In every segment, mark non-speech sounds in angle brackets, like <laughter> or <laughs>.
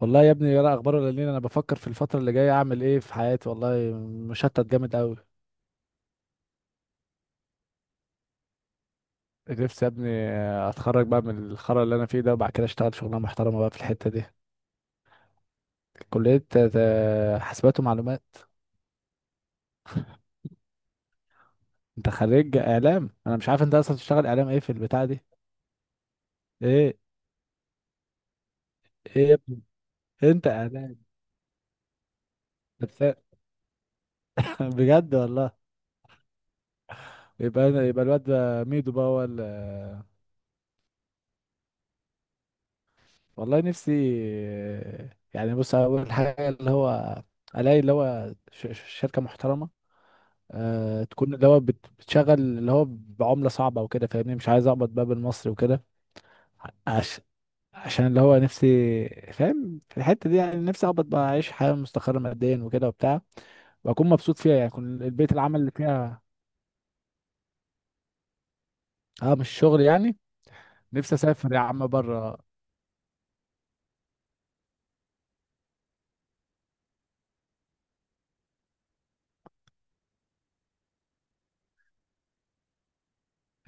والله يا ابني، ولا اخبار ولا لين. انا بفكر في الفتره اللي جايه اعمل ايه في حياتي، والله مشتت جامد قوي. نفسي يا ابني اتخرج بقى من الخرا اللي انا فيه ده، وبعد كده اشتغل شغلانه محترمه بقى في الحته دي. كليه حاسبات ومعلومات. انت خريج اعلام، انا مش عارف انت اصلا تشتغل اعلام ايه في البتاع دي. ايه. ايه يا ابني؟ انت اعلام نفسان. <laughs> بجد والله. يبقى الواد ده ميدو بقى، هو والله نفسي. يعني بص، اول حاجه اللي هو الاقي اللي هو شركه محترمه. تكون اللي هو بتشغل اللي هو بعملة صعبة وكده، فاهمني؟ مش عايز اقبض بقى بالمصري وكده. عش... عشان اللي هو نفسي، فاهم؟ في الحتة دي يعني نفسي اقبض بقى، اعيش حياة مستقرة ماديا وكده وبتاع. واكون مبسوط فيها، يعني يكون البيت العمل اللي فيها. اه، مش شغل يعني. نفسي اسافر يا عم بره.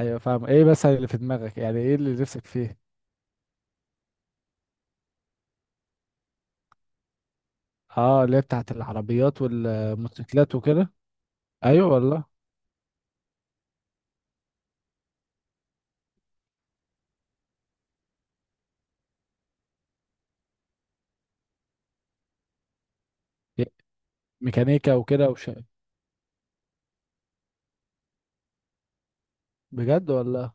ايوه فاهم، ايه بس اللي في دماغك؟ يعني ايه اللي نفسك فيه؟ اه، اللي هي بتاعت العربيات والموتوسيكلات وكده. ايوه والله. ميكانيكا وكده وش. بجد والله.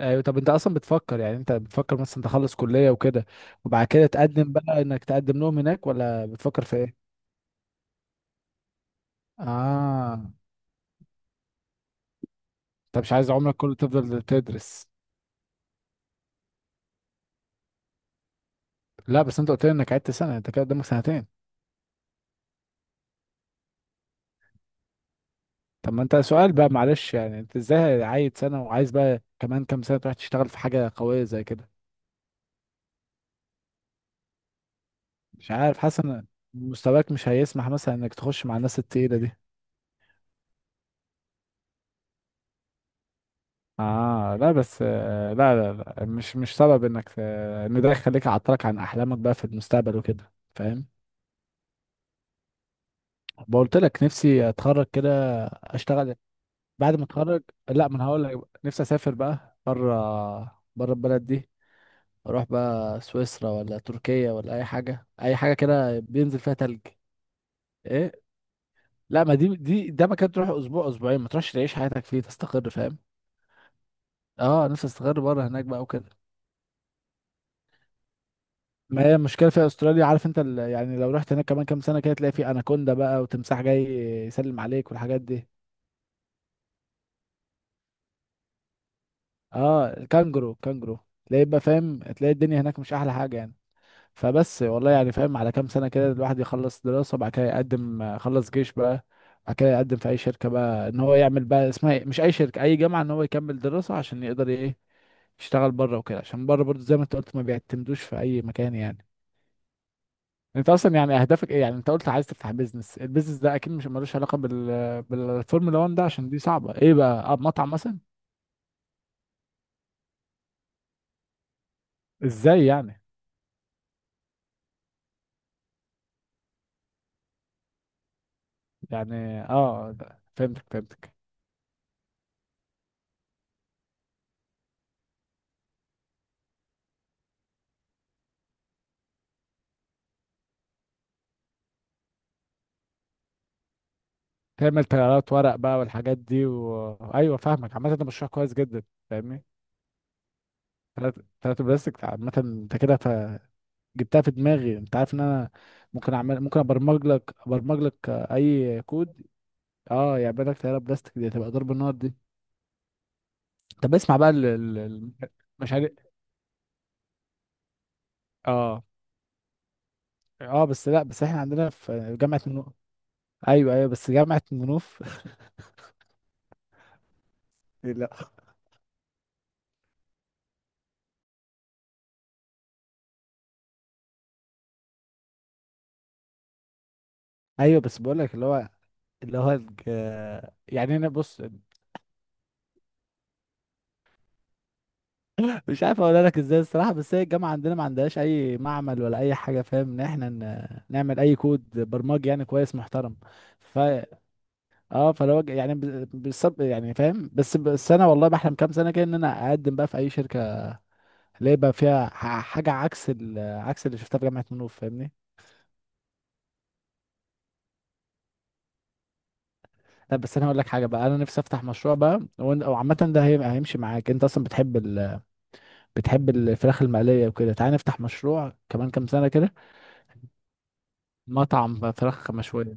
ايوه، طب انت اصلا بتفكر، يعني انت بتفكر مثلا تخلص كلية وكده وبعد كده تقدم بقى انك تقدم لهم هناك، ولا بتفكر في ايه؟ اه، انت مش عايز عمرك كله تفضل تدرس. لا بس انت قلت لي انك عدت سنة، انت كده قدامك سنتين. طب ما انت سؤال بقى معلش، يعني انت ازاي عايد سنة وعايز بقى كمان كام سنة تروح تشتغل في حاجة قوية زي كده؟ مش عارف، حاسس ان مستواك مش هيسمح مثلا انك تخش مع الناس التقيلة دي. اه لا بس لا لا لا مش سبب انك ان ده يخليك عطلك عن احلامك بقى في المستقبل وكده، فاهم؟ بقولت لك نفسي اتخرج كده. اشتغل. بعد ما اتخرج. لا ما انا هقول لك بقى. نفسي اسافر بقى بره، بره البلد دي. اروح بقى سويسرا ولا تركيا ولا اي حاجه، اي حاجه كده بينزل فيها تلج. ايه؟ لا ما دي ده مكان تروح اسبوع اسبوعين، ما تروحش تعيش حياتك فيه تستقر، فاهم؟ اه، نفسي استقر بره هناك بقى وكده. ما هي المشكله في استراليا، عارف انت يعني لو رحت هناك كمان كام سنه كده تلاقي في اناكوندا بقى وتمساح جاي يسلم عليك والحاجات دي. اه، الكانجرو الكانجرو. تلاقي بقى، فاهم؟ تلاقي الدنيا هناك مش احلى حاجه يعني. فبس والله يعني فاهم، على كام سنه كده الواحد يخلص دراسه بعد كده يقدم، خلص جيش بقى. بعد كده يقدم في اي شركه بقى ان هو يعمل بقى اسمها إيه؟ مش اي شركه، اي جامعه ان هو يكمل دراسه عشان يقدر ايه يشتغل بره وكده، عشان بره برضه زي ما انت قلت ما بيعتمدوش في اي مكان يعني. انت اصلا يعني اهدافك ايه؟ يعني انت قلت عايز تفتح بيزنس، البيزنس ده اكيد مش ملوش علاقه بالفورمولا 1 ده عشان دي صعبه، ايه بقى؟ اه، مطعم مثلا. ازاي يعني؟ يعني اه، فهمتك فهمتك. تعمل تيارات ورق بقى والحاجات دي ايوه فاهمك، عامه ده مشروع كويس جدا. فاهمني. ثلاث ثلاث بلاستيك عامه، انت كده جبتها في دماغي، انت عارف ان انا ممكن ابرمج لك اي كود. اه، يعمل لك تيارة بلاستيك، دي هتبقى ضرب النار دي. طب اسمع بقى ال- المشاريع. اه. اه بس، لا بس احنا عندنا في جامعة منوف. ايوه ايوه، بس جامعة منوف. <laughs> لا. ايوه بس بقول لك اللي هو اللي هو الج... يعني انا بص. <laughs> مش عارف اقول لك ازاي الصراحة، بس هي الجامعة عندنا ما عندهاش اي معمل ولا اي حاجة، فاهم ان احنا نعمل اي كود برمجي يعني كويس محترم. ف اه يعني بالصب يعني، فاهم؟ بس انا والله بحلم كام سنة كده ان انا اقدم بقى في اي شركة اللي يبقى فيها حاجة عكس عكس اللي شفتها في جامعة منوف، فاهمني. لا بس انا هقول لك حاجه بقى، انا نفسي افتح مشروع بقى او عامه ده هيمشي معاك، انت اصلا بتحب بتحب الفراخ المقليه وكده، تعالى نفتح مشروع كمان كام سنه كده. مطعم فراخ مشويه.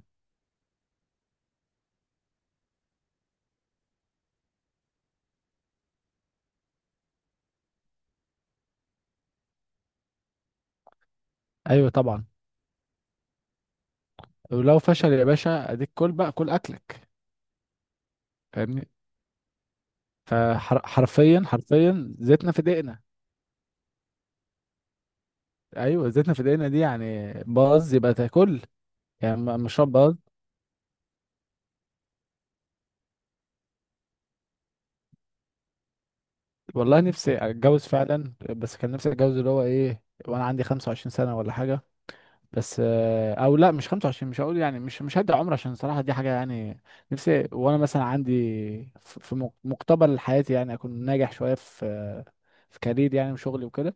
ايوه طبعا. ولو فشل يا باشا اديك كل بقى، كل اكلك، فاهمني. فحرفيا حرفيا، زيتنا في دقنا. ايوه، زيتنا في دقنا دي، يعني باظ يبقى تاكل، يعني مشروع باظ. والله نفسي اتجوز فعلا، بس كان نفسي اتجوز اللي هو ايه وانا عندي 25 سنه ولا حاجه. بس او لا مش 25، مش هقول يعني مش هدي عمر عشان صراحة دي حاجة يعني. نفسي وانا مثلا عندي في مقتبل حياتي، يعني اكون ناجح شوية في كارير يعني وشغلي وكده.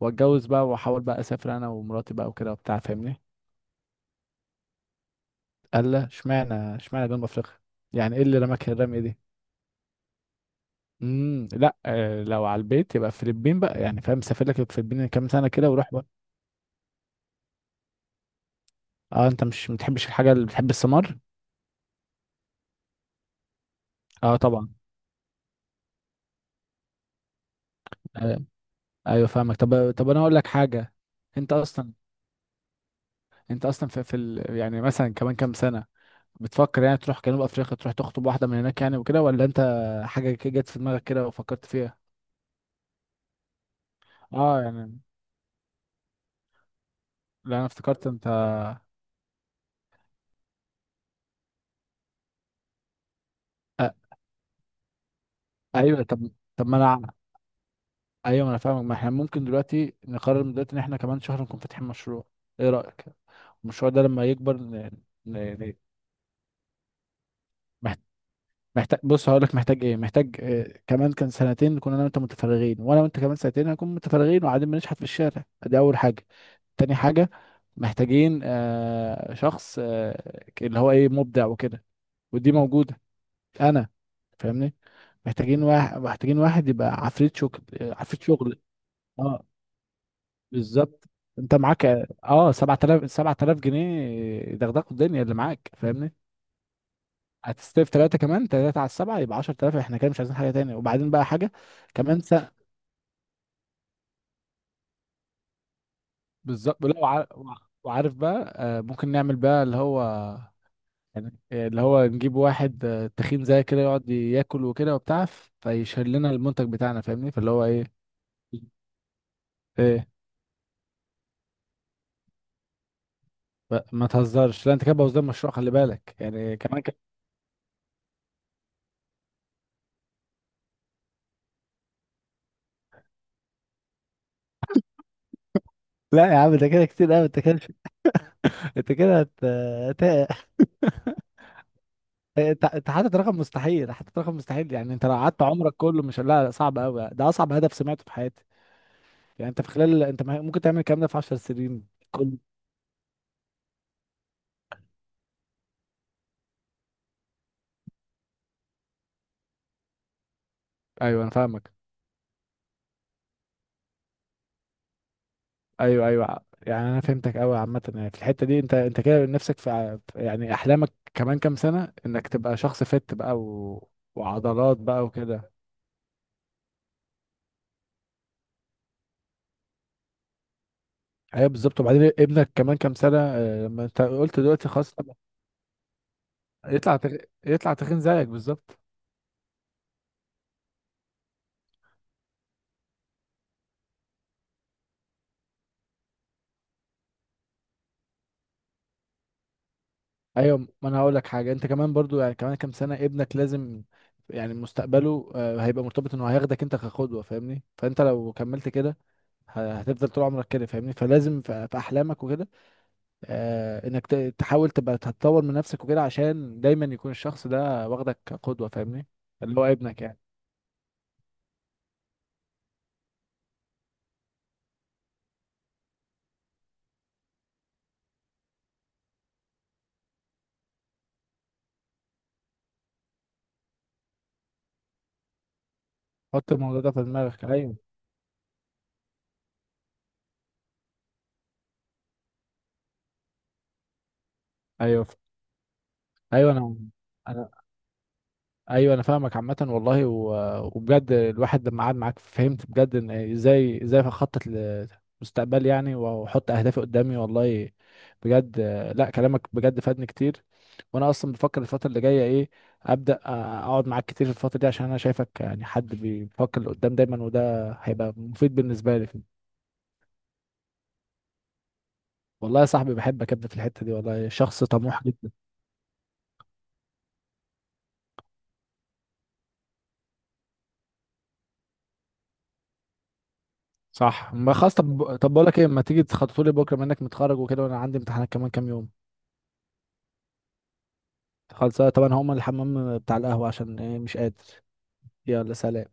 واتجوز بقى واحاول بقى اسافر انا ومراتي بقى وكده وبتاع، فاهمني. قال لا، اشمعنى جنوب افريقيا؟ يعني ايه اللي رماك الرمية دي؟ لا، لو على البيت يبقى الفلبين بقى، يعني فاهم؟ سافر لك الفلبين كام سنة كده وروح بقى. اه، انت مش بتحبش الحاجة، اللي بتحب السمر. اه طبعا. ايوه فاهمك. طب انا اقول لك حاجه. انت اصلا انت اصلا في يعني مثلا كمان كام سنه بتفكر يعني تروح جنوب افريقيا تروح تخطب واحده من هناك يعني وكده، ولا انت حاجه كده جت في دماغك كده وفكرت فيها؟ اه يعني. لا انا افتكرت انت أ... ايوه طب. طب ما انا ع- ايوه ما انا فاهمك، ما احنا ممكن دلوقتي نقرر من دلوقتي ان احنا كمان شهر نكون فاتحين مشروع. ايه رايك؟ المشروع ده لما يكبر ن... ن... محتاج. بص هقول لك محتاج ايه، محتاج كمان كان سنتين كنا انا وانت متفرغين، وانا وانت كمان سنتين هنكون متفرغين وقاعدين بنشحت في الشارع. دي اول حاجه. تاني حاجه محتاجين شخص اللي هو ايه مبدع وكده، ودي موجوده انا، فاهمني. محتاجين واحد يبقى عفريت شغل، عفريت شغل. اه بالظبط. انت معاك اه 7000 جنيه دغدغوا الدنيا اللي معاك، فاهمني. هتستلف ثلاثة، كمان ثلاثة على السبعة يبقى 10,000، احنا كده مش عايزين حاجة تاني. وبعدين بقى حاجة كمان سنة. بالظبط. لا وعارف بقى، ممكن نعمل بقى اللي هو يعني اللي هو نجيب واحد تخين زي كده يقعد ياكل وكده وبتاع، فيشيل لنا المنتج بتاعنا، فاهمني؟ فاللي هو ايه. ايه؟ ما تهزرش، لا انت كده بوظت المشروع، خلي بالك يعني كمان لا يا عم ده كده كتير قوي، انت كده. انت كده هت... انت حاطط رقم مستحيل، حاطط رقم مستحيل. يعني انت لو قعدت عمرك كله مش، لا لا، صعب قوي، ده اصعب هدف سمعته في حياتي. يعني انت في خلال، انت ممكن تعمل الكلام ده في 10 سنين كل. ايوه انا فاهمك. ايوه ايوه، يعني انا فهمتك قوي، عامه يعني في الحته دي انت كده نفسك في يعني احلامك كمان كام سنه انك تبقى شخص فت بقى وعضلات بقى وكده. ايوه بالظبط. وبعدين ابنك كمان كام سنه، لما انت قلت دلوقتي خلاص يطلع تخ... يطلع تخين زيك بالظبط. ايوه، ما انا هقول لك حاجه. انت كمان برضو يعني كمان كام سنه ابنك لازم يعني مستقبله هيبقى مرتبط انه هياخدك انت كقدوه، فاهمني. فانت لو كملت كده هتفضل طول عمرك كده، فاهمني. فلازم في احلامك وكده انك تحاول تبقى تتطور من نفسك وكده عشان دايما يكون الشخص ده واخدك كقدوه، فاهمني. اللي هو ابنك يعني. حط الموضوع ده في دماغك، ايوه. ايوه ايوه انا ايوه انا فاهمك. عامه والله وبجد الواحد لما قعد معاك فهمت بجد ان ازاي ازاي اخطط لمستقبلي يعني، واحط اهدافي قدامي والله. بجد. لا، كلامك بجد فادني كتير. وانا اصلا بفكر الفتره اللي جايه ايه ابدا اقعد معاك كتير في الفتره دي، عشان انا شايفك يعني حد بيفكر لقدام دايما، وده هيبقى مفيد بالنسبه لي. والله يا صاحبي بحبك يا ابني، في الحته دي والله شخص طموح جدا. صح، ما خلاص. طب بقول لك ايه، ما تيجي تخططوا لي بكره منك متخرج وكده وانا عندي امتحانات كمان كام يوم. خلص طبعا، هقوم الحمام بتاع القهوة عشان إيه مش قادر. يلا سلام.